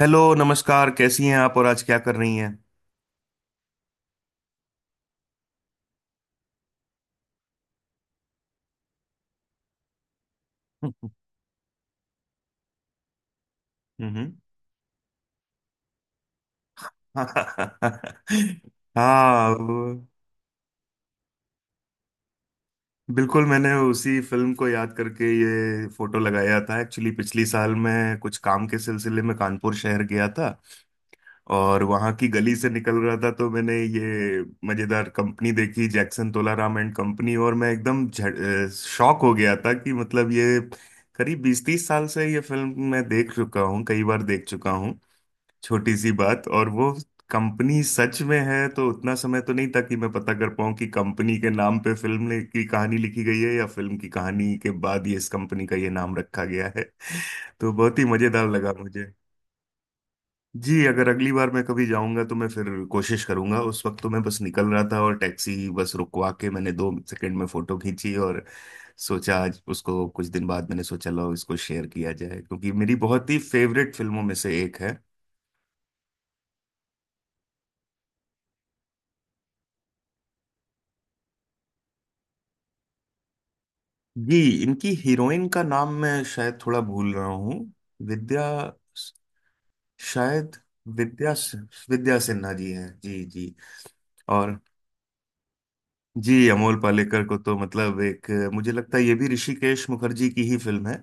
Hello, नमस्कार। कैसी हैं आप और आज क्या कर रही हैं? हम्म। हाँ, बिल्कुल मैंने उसी फिल्म को याद करके ये फोटो लगाया था। एक्चुअली पिछली साल मैं कुछ काम के सिलसिले में कानपुर शहर गया था। और वहाँ की गली से निकल रहा था तो मैंने ये मजेदार कंपनी देखी, जैक्सन तोलाराम एंड कंपनी। और मैं एकदम शॉक हो गया था कि मतलब ये करीब बीस तीस साल से ये फिल्म मैं देख चुका हूँ, कई बार देख चुका हूँ। छोटी सी बात, और वो कंपनी सच में है। तो उतना समय तो नहीं था कि मैं पता कर पाऊँ कि कंपनी के नाम पे फिल्म की कहानी लिखी गई है या फिल्म की कहानी के बाद ये इस कंपनी का ये नाम रखा गया है। तो बहुत ही मजेदार लगा मुझे। जी, अगर अगली बार मैं कभी जाऊंगा तो मैं फिर कोशिश करूंगा। उस वक्त तो मैं बस निकल रहा था और टैक्सी बस रुकवा के मैंने दो सेकंड में फोटो खींची। और सोचा आज उसको, कुछ दिन बाद मैंने सोचा लो, इसको शेयर किया जाए, क्योंकि मेरी बहुत ही फेवरेट फिल्मों में से एक है। जी, इनकी हीरोइन का नाम मैं शायद थोड़ा भूल रहा हूँ। विद्या, शायद, विद्या विद्या सिन्हा जी हैं, जी जी। और जी, अमोल पालेकर को तो मतलब एक, मुझे लगता है ये भी ऋषिकेश मुखर्जी की ही फिल्म है।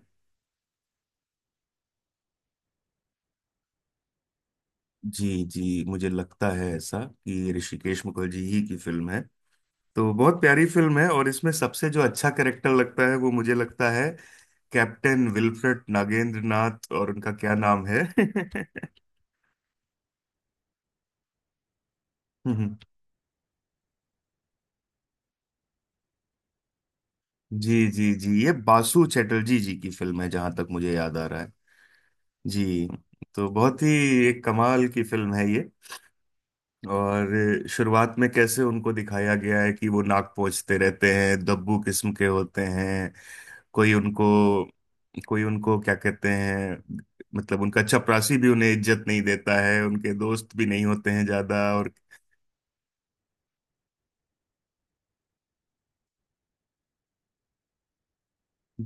जी जी, मुझे लगता है ऐसा कि ऋषिकेश मुखर्जी ही की फिल्म है। तो बहुत प्यारी फिल्म है और इसमें सबसे जो अच्छा कैरेक्टर लगता है वो, मुझे लगता है, कैप्टन विल्फ्रेड नागेंद्र नाथ। और उनका क्या नाम है? जी जी जी, ये बासु चटर्जी जी की फिल्म है जहां तक मुझे याद आ रहा है। जी। तो बहुत ही एक कमाल की फिल्म है ये। और शुरुआत में कैसे उनको दिखाया गया है कि वो नाक पोंछते रहते हैं, दब्बू किस्म के होते हैं। कोई उनको कोई उनको क्या कहते हैं, मतलब उनका चपरासी भी उन्हें इज्जत नहीं देता है, उनके दोस्त भी नहीं होते हैं ज्यादा और।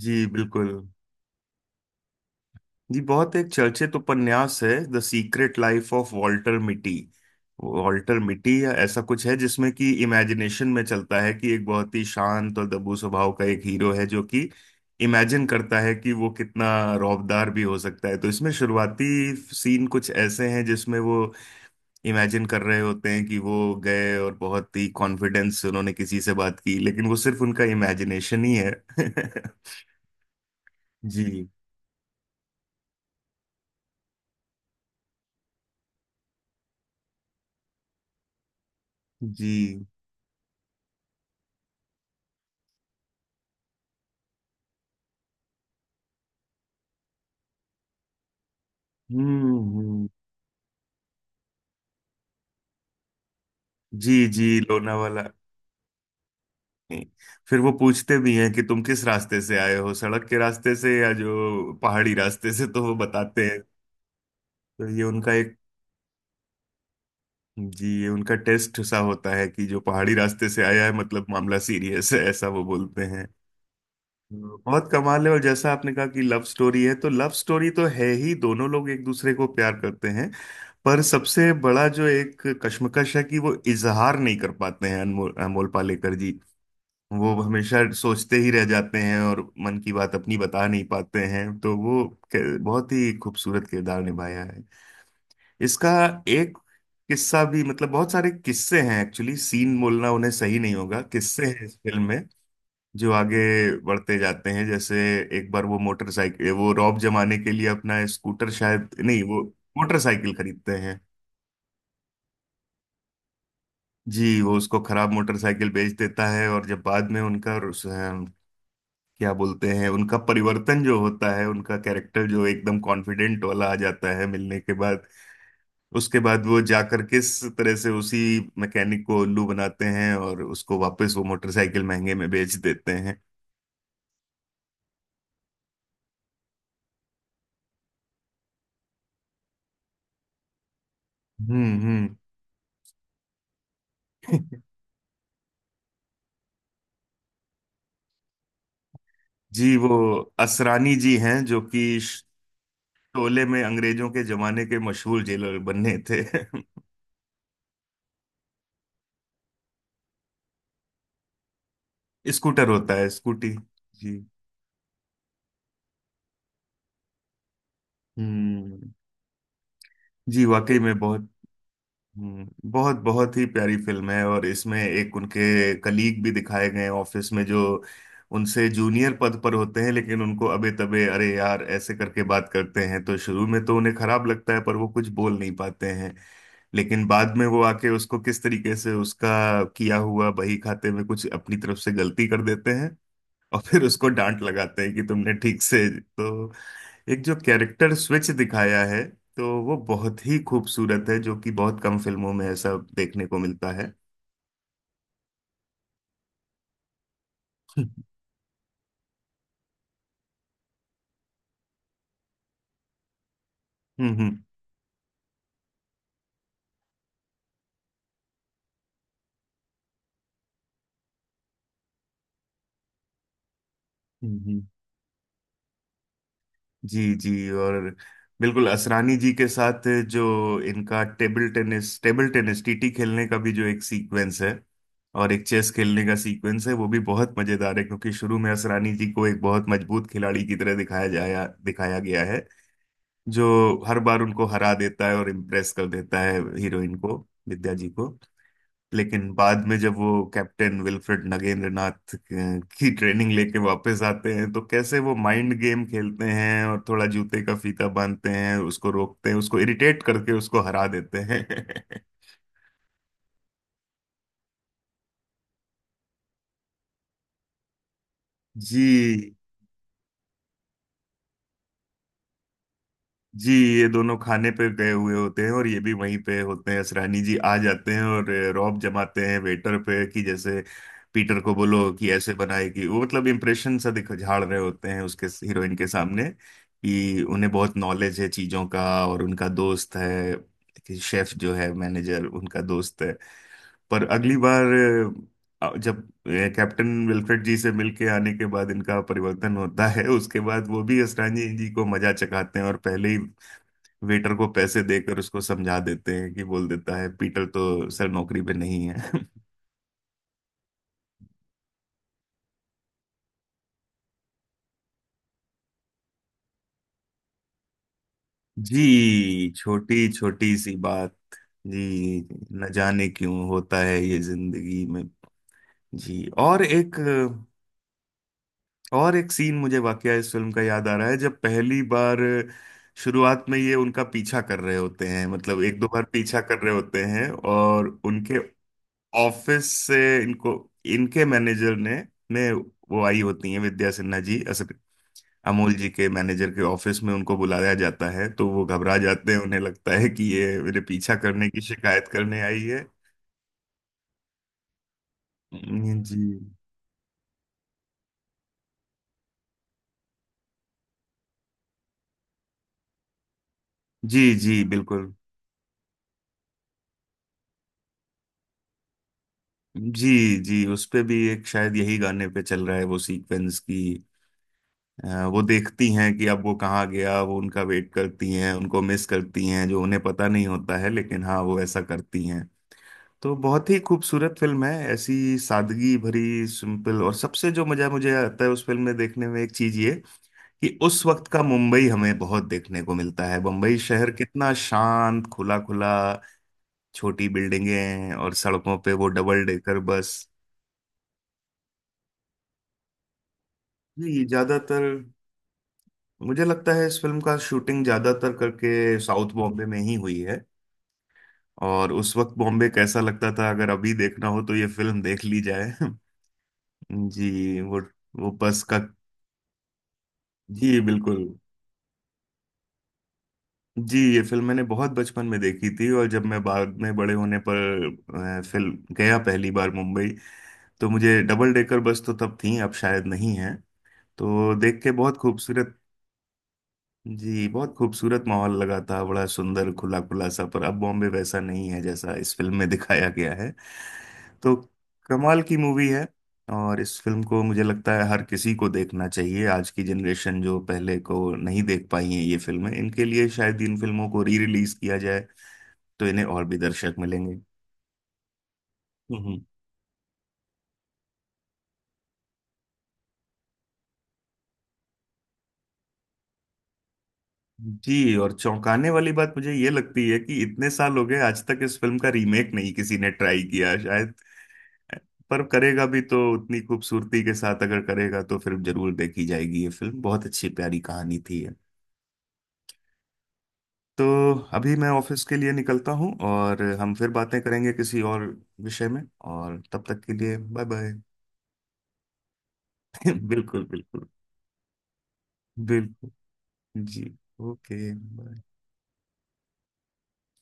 जी बिल्कुल। जी, बहुत एक चर्चित उपन्यास है, the secret life of Walter Mitty. Walter Mitty या ऐसा कुछ है जिसमें कि इमेजिनेशन में चलता है कि एक बहुत ही शांत और दबू स्वभाव का एक हीरो है जो कि इमेजिन करता है कि वो कितना रौबदार भी हो सकता है। तो इसमें शुरुआती सीन कुछ ऐसे हैं जिसमें वो इमेजिन कर रहे होते हैं कि वो गए और बहुत ही कॉन्फिडेंस से उन्होंने किसी से बात की, लेकिन वो सिर्फ उनका इमेजिनेशन ही है। जी जी। हम्म, जी जी लोनावाला। नहीं। फिर वो पूछते भी हैं कि तुम किस रास्ते से आए हो, सड़क के रास्ते से या जो पहाड़ी रास्ते से, तो वो बताते हैं। तो ये उनका एक, जी, ये उनका टेस्ट सा होता है कि जो पहाड़ी रास्ते से आया है मतलब मामला सीरियस है, ऐसा वो बोलते हैं। तो बहुत कमाल है। और जैसा आपने कहा कि लव स्टोरी है, तो लव स्टोरी तो है ही, दोनों लोग एक दूसरे को प्यार करते हैं। पर सबसे बड़ा जो एक कश्मकश है कि वो इजहार नहीं कर पाते हैं, अनमोल अमोल पालेकर जी। वो हमेशा सोचते ही रह जाते हैं और मन की बात अपनी बता नहीं पाते हैं, तो वो बहुत ही खूबसूरत किरदार निभाया है इसका। एक किस्सा भी, मतलब बहुत सारे किस्से हैं एक्चुअली, सीन बोलना उन्हें सही नहीं होगा, किस्से हैं इस फिल्म में जो आगे बढ़ते जाते हैं। जैसे एक बार वो मोटरसाइकिल, वो रौब जमाने के लिए अपना स्कूटर शायद नहीं, वो मोटरसाइकिल खरीदते हैं। जी, वो उसको खराब मोटरसाइकिल बेच देता है। और जब बाद में उनका, क्या बोलते हैं, उनका परिवर्तन जो होता है, उनका कैरेक्टर जो एकदम कॉन्फिडेंट वाला आ जाता है मिलने के बाद, उसके बाद वो जाकर किस तरह से उसी मैकेनिक को उल्लू बनाते हैं और उसको वापस वो मोटरसाइकिल महंगे में बेच देते हैं। हम्म, हम्म। जी, वो असरानी जी हैं जो कि शोले में अंग्रेजों के जमाने के मशहूर जेलर बने थे। स्कूटर होता है, स्कूटी। जी। हम्म। जी, वाकई में बहुत। बहुत बहुत ही प्यारी फिल्म है, और इसमें एक उनके कलीग भी दिखाए गए हैं ऑफिस में जो उनसे जूनियर पद पर होते हैं, लेकिन उनको अबे तबे अरे यार ऐसे करके बात करते हैं, तो शुरू में तो उन्हें खराब लगता है पर वो कुछ बोल नहीं पाते हैं। लेकिन बाद में वो आके उसको किस तरीके से उसका किया हुआ बही खाते में कुछ अपनी तरफ से गलती कर देते हैं और फिर उसको डांट लगाते हैं कि तुमने ठीक से तो, एक जो कैरेक्टर स्विच दिखाया है, तो वो बहुत ही खूबसूरत है जो कि बहुत कम फिल्मों में ऐसा देखने को मिलता है। हम्म, हम्म, हम्म, जी, जी। और बिल्कुल, असरानी जी के साथ जो इनका टेबल टेनिस टीटी खेलने का भी जो एक सीक्वेंस है। और एक चेस खेलने का सीक्वेंस है, वो भी बहुत मजेदार है, क्योंकि शुरू में असरानी जी को एक बहुत मजबूत खिलाड़ी की तरह दिखाया गया है, जो हर बार उनको हरा देता है और इम्प्रेस कर देता है हीरोइन को, विद्या जी को। लेकिन बाद में जब वो कैप्टन विल्फ्रेड नगेंद्रनाथ की ट्रेनिंग लेके वापस आते हैं, तो कैसे वो माइंड गेम खेलते हैं और थोड़ा जूते का फीता बांधते हैं, उसको रोकते हैं, उसको इरिटेट करके उसको हरा देते हैं। जी जी। ये दोनों खाने पे गए हुए होते हैं और ये भी वहीं पे होते हैं, असरानी जी आ जाते हैं और रौब जमाते हैं वेटर पे कि जैसे पीटर को बोलो कि ऐसे बनाएगी वो, मतलब इम्प्रेशन सा दिख झाड़ रहे होते हैं उसके हीरोइन के सामने कि उन्हें बहुत नॉलेज है चीजों का और उनका दोस्त है, कि शेफ जो है मैनेजर उनका दोस्त है। पर अगली बार जब अ, कैप्टन विल्फ्रेड जी से मिलके आने के बाद इनका परिवर्तन होता है, उसके बाद वो भी असरानी जी को मजा चखाते हैं और पहले ही वेटर को पैसे देकर उसको समझा देते हैं कि बोल देता है पीटर तो सर नौकरी पे नहीं है। जी, छोटी छोटी सी बात। जी। न जाने क्यों होता है ये जिंदगी में। जी, और एक सीन मुझे वाकया इस फिल्म का याद आ रहा है, जब पहली बार शुरुआत में ये उनका पीछा कर रहे होते हैं, मतलब एक दो बार पीछा कर रहे होते हैं, और उनके ऑफिस से इनको इनके मैनेजर ने, वो आई होती हैं विद्या सिन्हा जी अमूल जी के मैनेजर के ऑफिस में, उनको बुलाया जाता है तो वो घबरा जाते हैं, उन्हें लगता है कि ये मेरे पीछा करने की शिकायत करने आई है। जी जी जी, बिल्कुल। जी जी। उस पे भी एक, शायद यही गाने पे चल रहा है वो सीक्वेंस की वो देखती हैं कि अब वो कहाँ गया, वो उनका वेट करती हैं, उनको मिस करती हैं जो उन्हें पता नहीं होता है, लेकिन हाँ वो ऐसा करती हैं। तो बहुत ही खूबसूरत फिल्म है, ऐसी सादगी भरी, सिंपल, और सबसे जो मजा मुझे आता है उस फिल्म में देखने में एक चीज ये, कि उस वक्त का मुंबई हमें बहुत देखने को मिलता है, मुंबई शहर कितना शांत, खुला खुला, छोटी बिल्डिंगें और सड़कों पे वो डबल डेकर बस। ये ज्यादातर, मुझे लगता है इस फिल्म का शूटिंग ज्यादातर करके साउथ बॉम्बे में ही हुई है। और उस वक्त बॉम्बे कैसा लगता था, अगर अभी देखना हो तो ये फिल्म देख ली जाए। जी, वो बस का। जी, बिल्कुल। जी, ये फिल्म मैंने बहुत बचपन में देखी थी, और जब मैं बाद में बड़े होने पर फिल्म गया पहली बार मुंबई, तो मुझे डबल डेकर बस तो तब थी, अब शायद नहीं है। तो देख के बहुत खूबसूरत। जी, बहुत खूबसूरत माहौल लगा था, बड़ा सुंदर, खुला खुला सा, पर अब बॉम्बे वैसा नहीं है जैसा इस फिल्म में दिखाया गया है। तो कमाल की मूवी है। और इस फिल्म को मुझे लगता है हर किसी को देखना चाहिए। आज की जनरेशन जो पहले को नहीं देख पाई है ये फिल्में, इनके लिए शायद इन फिल्मों को री रिलीज किया जाए तो इन्हें और भी दर्शक मिलेंगे। हम्म, हम्म। जी, और चौंकाने वाली बात मुझे ये लगती है कि इतने साल हो गए आज तक इस फिल्म का रीमेक नहीं किसी ने ट्राई किया शायद। पर करेगा भी तो उतनी खूबसूरती के साथ, अगर करेगा तो फिर जरूर देखी जाएगी ये फिल्म, बहुत अच्छी प्यारी कहानी थी ये। तो अभी मैं ऑफिस के लिए निकलता हूँ और हम फिर बातें करेंगे किसी और विषय में। और तब तक के लिए बाय बाय। बिल्कुल, बिल्कुल, बिल्कुल। जी। ओके।